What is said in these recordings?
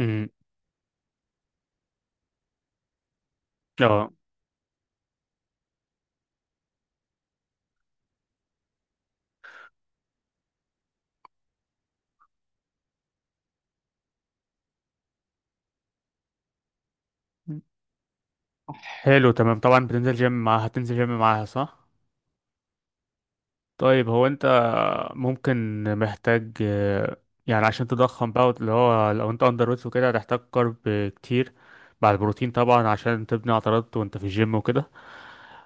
امم اه، حلو تمام. طبعا بتنزل جيم معاها، هتنزل جيم معاها صح؟ طيب هو انت ممكن محتاج يعني عشان تضخم بقى اللي هو لو انت اندر ويت وكده هتحتاج كارب كتير مع البروتين طبعا عشان تبني عضلات وانت في الجيم وكده.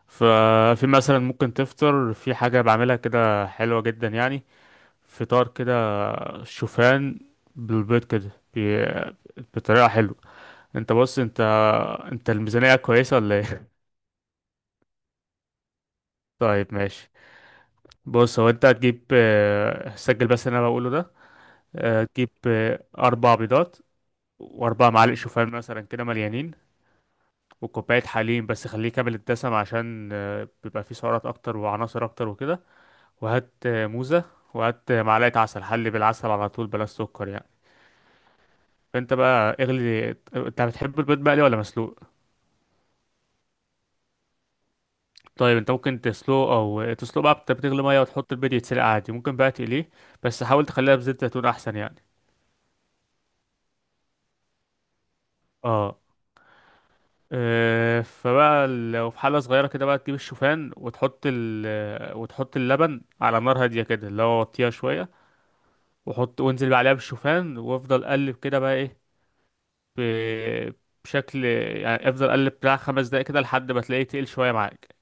ففي مثلا ممكن تفطر في حاجة بعملها كده حلوة جدا يعني، فطار كده شوفان بالبيض كده بطريقة حلوة. انت بص، انت انت الميزانية كويسة ولا ايه؟ طيب ماشي. بص، هو انت هتجيب سجل بس اللي انا بقوله ده. هتجيب اربع بيضات واربع معالق شوفان مثلا كده مليانين، وكوباية حليب بس خليه كامل الدسم عشان بيبقى فيه سعرات اكتر وعناصر اكتر وكده. وهات موزة، وهات معلقة عسل، حلي بالعسل على طول بلا سكر يعني. فانت بقى اغلي، انت بتحب البيض مقلي ولا مسلوق؟ طيب انت ممكن تسلقه، او تسلقه بقى بتغلي ميه وتحط البيض يتسلق عادي، ممكن بقى تقليه بس حاول تخليها بزيت زيتون احسن يعني. اه. فبقى لو في حلة صغيرة كده بقى تجيب الشوفان وتحط ال وتحط اللبن على نار هادية كده، اللي هو وطيها شوية، وحط وانزل بقى عليها بالشوفان وافضل قلب كده بقى ايه ب- بشكل يعني، افضل قلب بتاع خمس دقايق كده لحد ما تلاقيه تقل شوية معاك.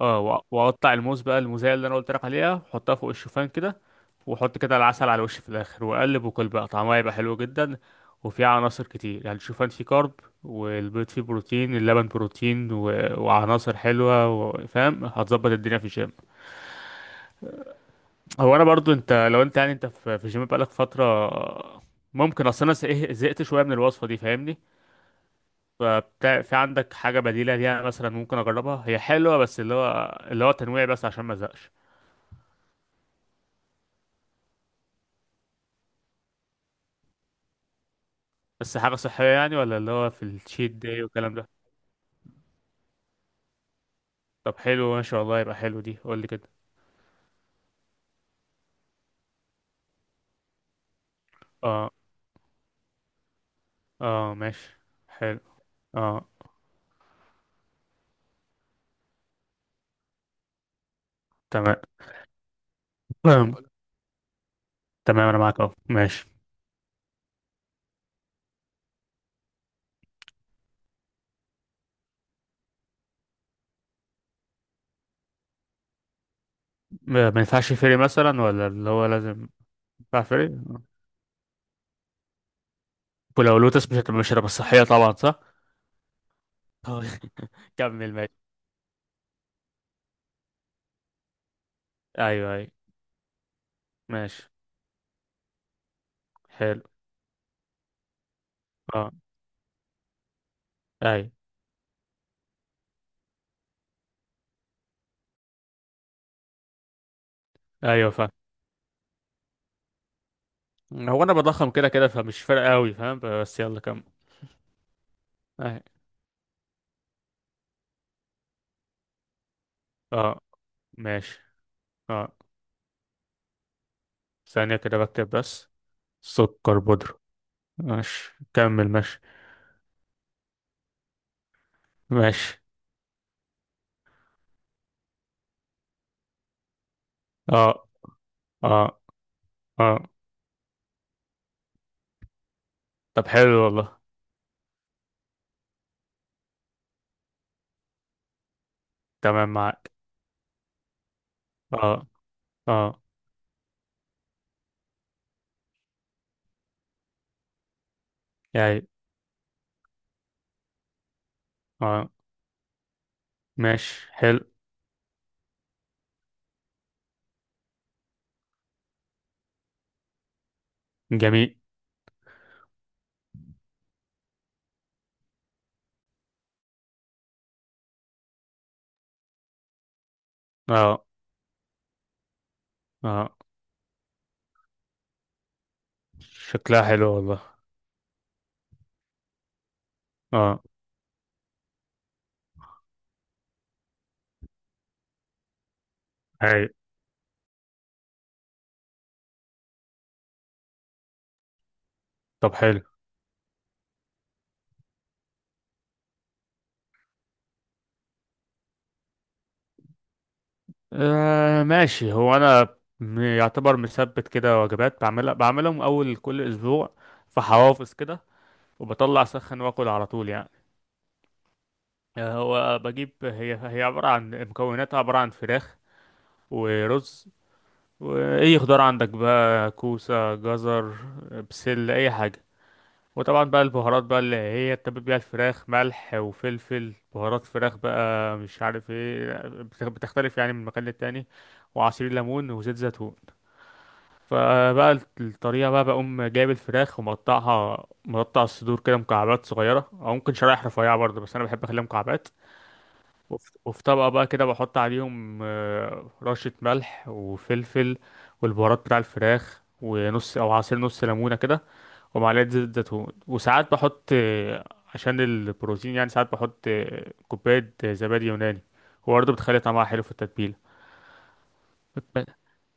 اه، واقطع الموز بقى، الموزايه اللي انا قلت لك عليها، واحطها فوق الشوفان كده، واحط كده العسل على الوش في الاخر، واقلب، وكل بقى طعمها يبقى حلو جدا وفيه عناصر كتير. يعني الشوفان فيه كارب، والبيض فيه بروتين، اللبن بروتين وعناصر حلوه فاهم؟ هتظبط الدنيا في الجيم. هو انا برضو، انت لو انت يعني انت في الجيم بقالك فتره، ممكن اصل انا زهقت شويه من الوصفه دي، فاهمني؟ فبتاع في عندك حاجه بديله ليها مثلا ممكن اجربها؟ هي حلوه بس اللي هو تنويع بس عشان ما ازهقش. بس حاجة صحية يعني، ولا اللي هو في الشيت داي والكلام ده؟ طب حلو ما شاء الله، يبقى حلو دي، قول لي كده. اه، اه ماشي. حلو. اه تمام، تمام. تمام، انا معاك اهو ماشي. ما ينفعش فري مثلا، ولا اللي هو لازم؟ ينفع فري؟ ولو لوتس مش هتبقى، مش هتبقى صحية طبعا صح؟ آه. كمل ماشي. ايوه ايوه. ماشي، حلو. اه. ايوه ايوه فاهم. هو انا بضخم كده كده، فمش فارق قوي فاهم، بس يلا كمل. أيوة. اه ماشي. اه، ثانية كده بكتب بس. سكر بودرة. ماشي، كمل ماشي. ماشي. اه. اه. اه. طب حلو والله. تمام معاك. اه. اه يعني. اه ماشي. حلو. جميل. اه. اه. شكلها حلو والله. اه. اي. طب حلو. آه ماشي. هو انا يعتبر مثبت كده وجبات، بعملها بعملهم اول كل اسبوع في حوافظ كده، وبطلع سخن واكل على طول يعني. هو بجيب، هي هي عبارة عن مكوناتها عبارة عن فراخ ورز، واي خضار عندك بقى كوسة جزر بسلة اي حاجة، وطبعا بقى البهارات بقى اللي هي تتبل بيها الفراخ، ملح وفلفل بهارات فراخ بقى مش عارف ايه، بتختلف يعني من مكان للتاني، وعصير ليمون وزيت زيتون. فبقى الطريقة بقى، بقوم جايب الفراخ ومقطعها، مقطع الصدور كده مكعبات صغيرة أو ممكن شرايح رفيعة برضه، بس أنا بحب أخليها مكعبات. وفي طبقة بقى كده بحط عليهم رشة ملح وفلفل والبهارات بتاع الفراخ، ونص أو عصير نص ليمونة كده، ومعلقة زيت زيتون. وساعات بحط عشان البروتين يعني، ساعات بحط كوباية زبادي يوناني، وبرضه بتخلي طعمها حلو في التتبيلة.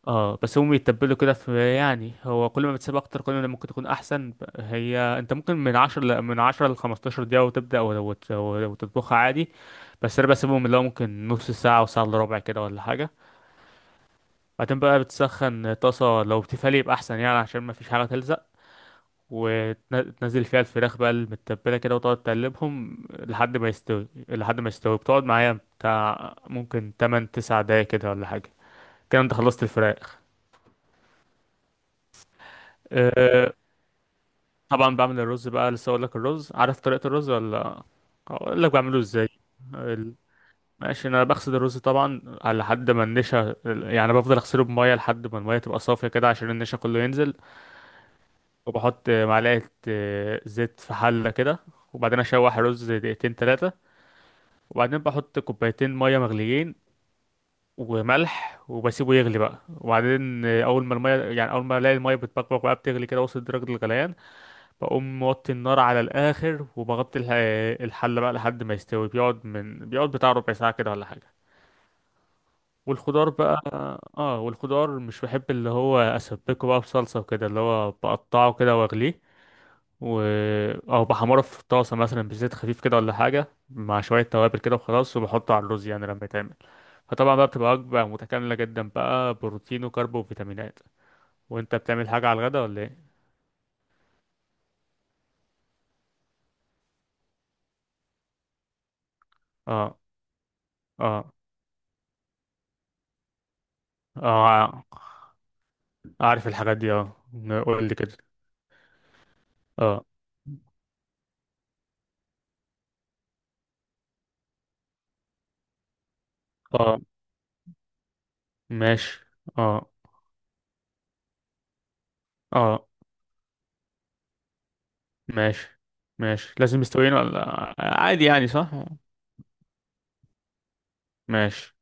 اه، بس هم يتبلوا كده في يعني، هو كل ما بتسيب اكتر كل ما ممكن تكون احسن. هي انت ممكن من 10 من 10 ل 15 دقيقة وتبدأ وتطبخها عادي، بس انا بسيبهم اللي هو ممكن نص ساعة وساعة الا ربع كده ولا حاجة. بعدين بقى بتسخن طاسة، لو تيفال يبقى احسن يعني عشان ما فيش حاجة تلزق، وتنزل فيها الفراخ بقى المتبلة كده، وتقعد تقلبهم لحد ما يستوي، لحد ما يستوي بتقعد معايا بتاع ممكن 8 9 دقايق كده ولا حاجة، كده انت خلصت الفراخ. طبعا بعمل الرز بقى لسه اقول لك، الرز عارف طريقة الرز؟ ولا اقول لك بعمله ازاي؟ ال- ماشي، انا بغسل الرز طبعا على حد ما النشا يعني، بفضل اغسله بميه لحد ما الميه تبقى صافيه كده عشان النشا كله ينزل. وبحط معلقه زيت في حله كده، وبعدين اشوح الرز دقيقتين ثلاثه، وبعدين بحط كوبايتين ميه مغليين وملح، وبسيبه يغلي بقى. وبعدين اول ما الميه يعني اول ما الاقي الميه بتبقبق بقى، بتغلي كده، وصلت درجه الغليان، بقوم موطي النار على الآخر وبغطي الحلة بقى لحد ما يستوي. بيقعد من بيقعد بتاع ربع ساعة كده ولا حاجة. والخضار بقى، اه، والخضار مش بحب اللي هو اسبكه بقى بصلصة وكده، اللي هو بقطعه كده واغليه و... او بحمره في طاسة مثلا بزيت خفيف كده ولا حاجة، مع شوية توابل كده وخلاص، وبحطه على الرز يعني لما يتعمل. فطبعا بقى بتبقى وجبة متكاملة جدا بقى، بروتين وكارب وفيتامينات. وانت بتعمل حاجة على الغدا ولا ايه؟ اه. اه. اه عارف الحاجات دي اه. قول لي كده. اه. اه ماشي. اه. اه ماشي. ماشي لازم مستويين ولا عادي يعني صح؟ ماشي.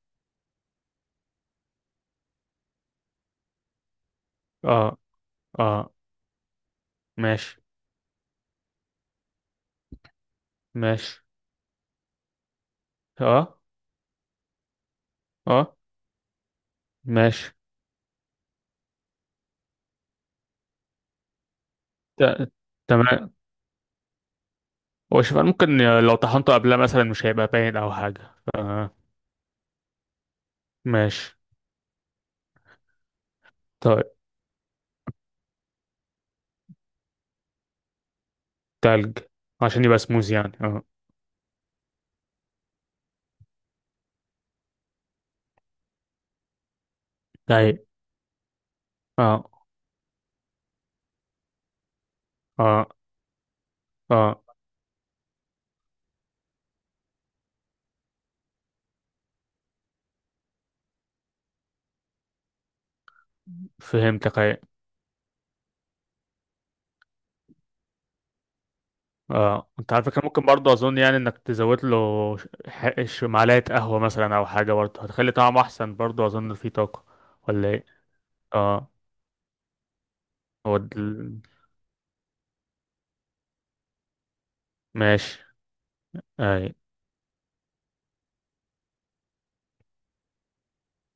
اه. اه ماشي. ماشي. اه. اه ماشي. ت- تمام. هو شوف، أنا ممكن لو طحنته قبلها مثلا مش هيبقى باين او حاجة. آه ماشي. طيب. تلج، عشان يبقى سموز يعني اه. طيب. اه. اه. اه. فهمتك أيوة. اه، انت على فكرة ممكن برضه اظن يعني انك تزود له معلقة قهوة مثلا او حاجة، برضه هتخلي طعمه احسن برضه اظن فيه طاقة، ولا ايه؟ اه. هو دل... ماشي. اي.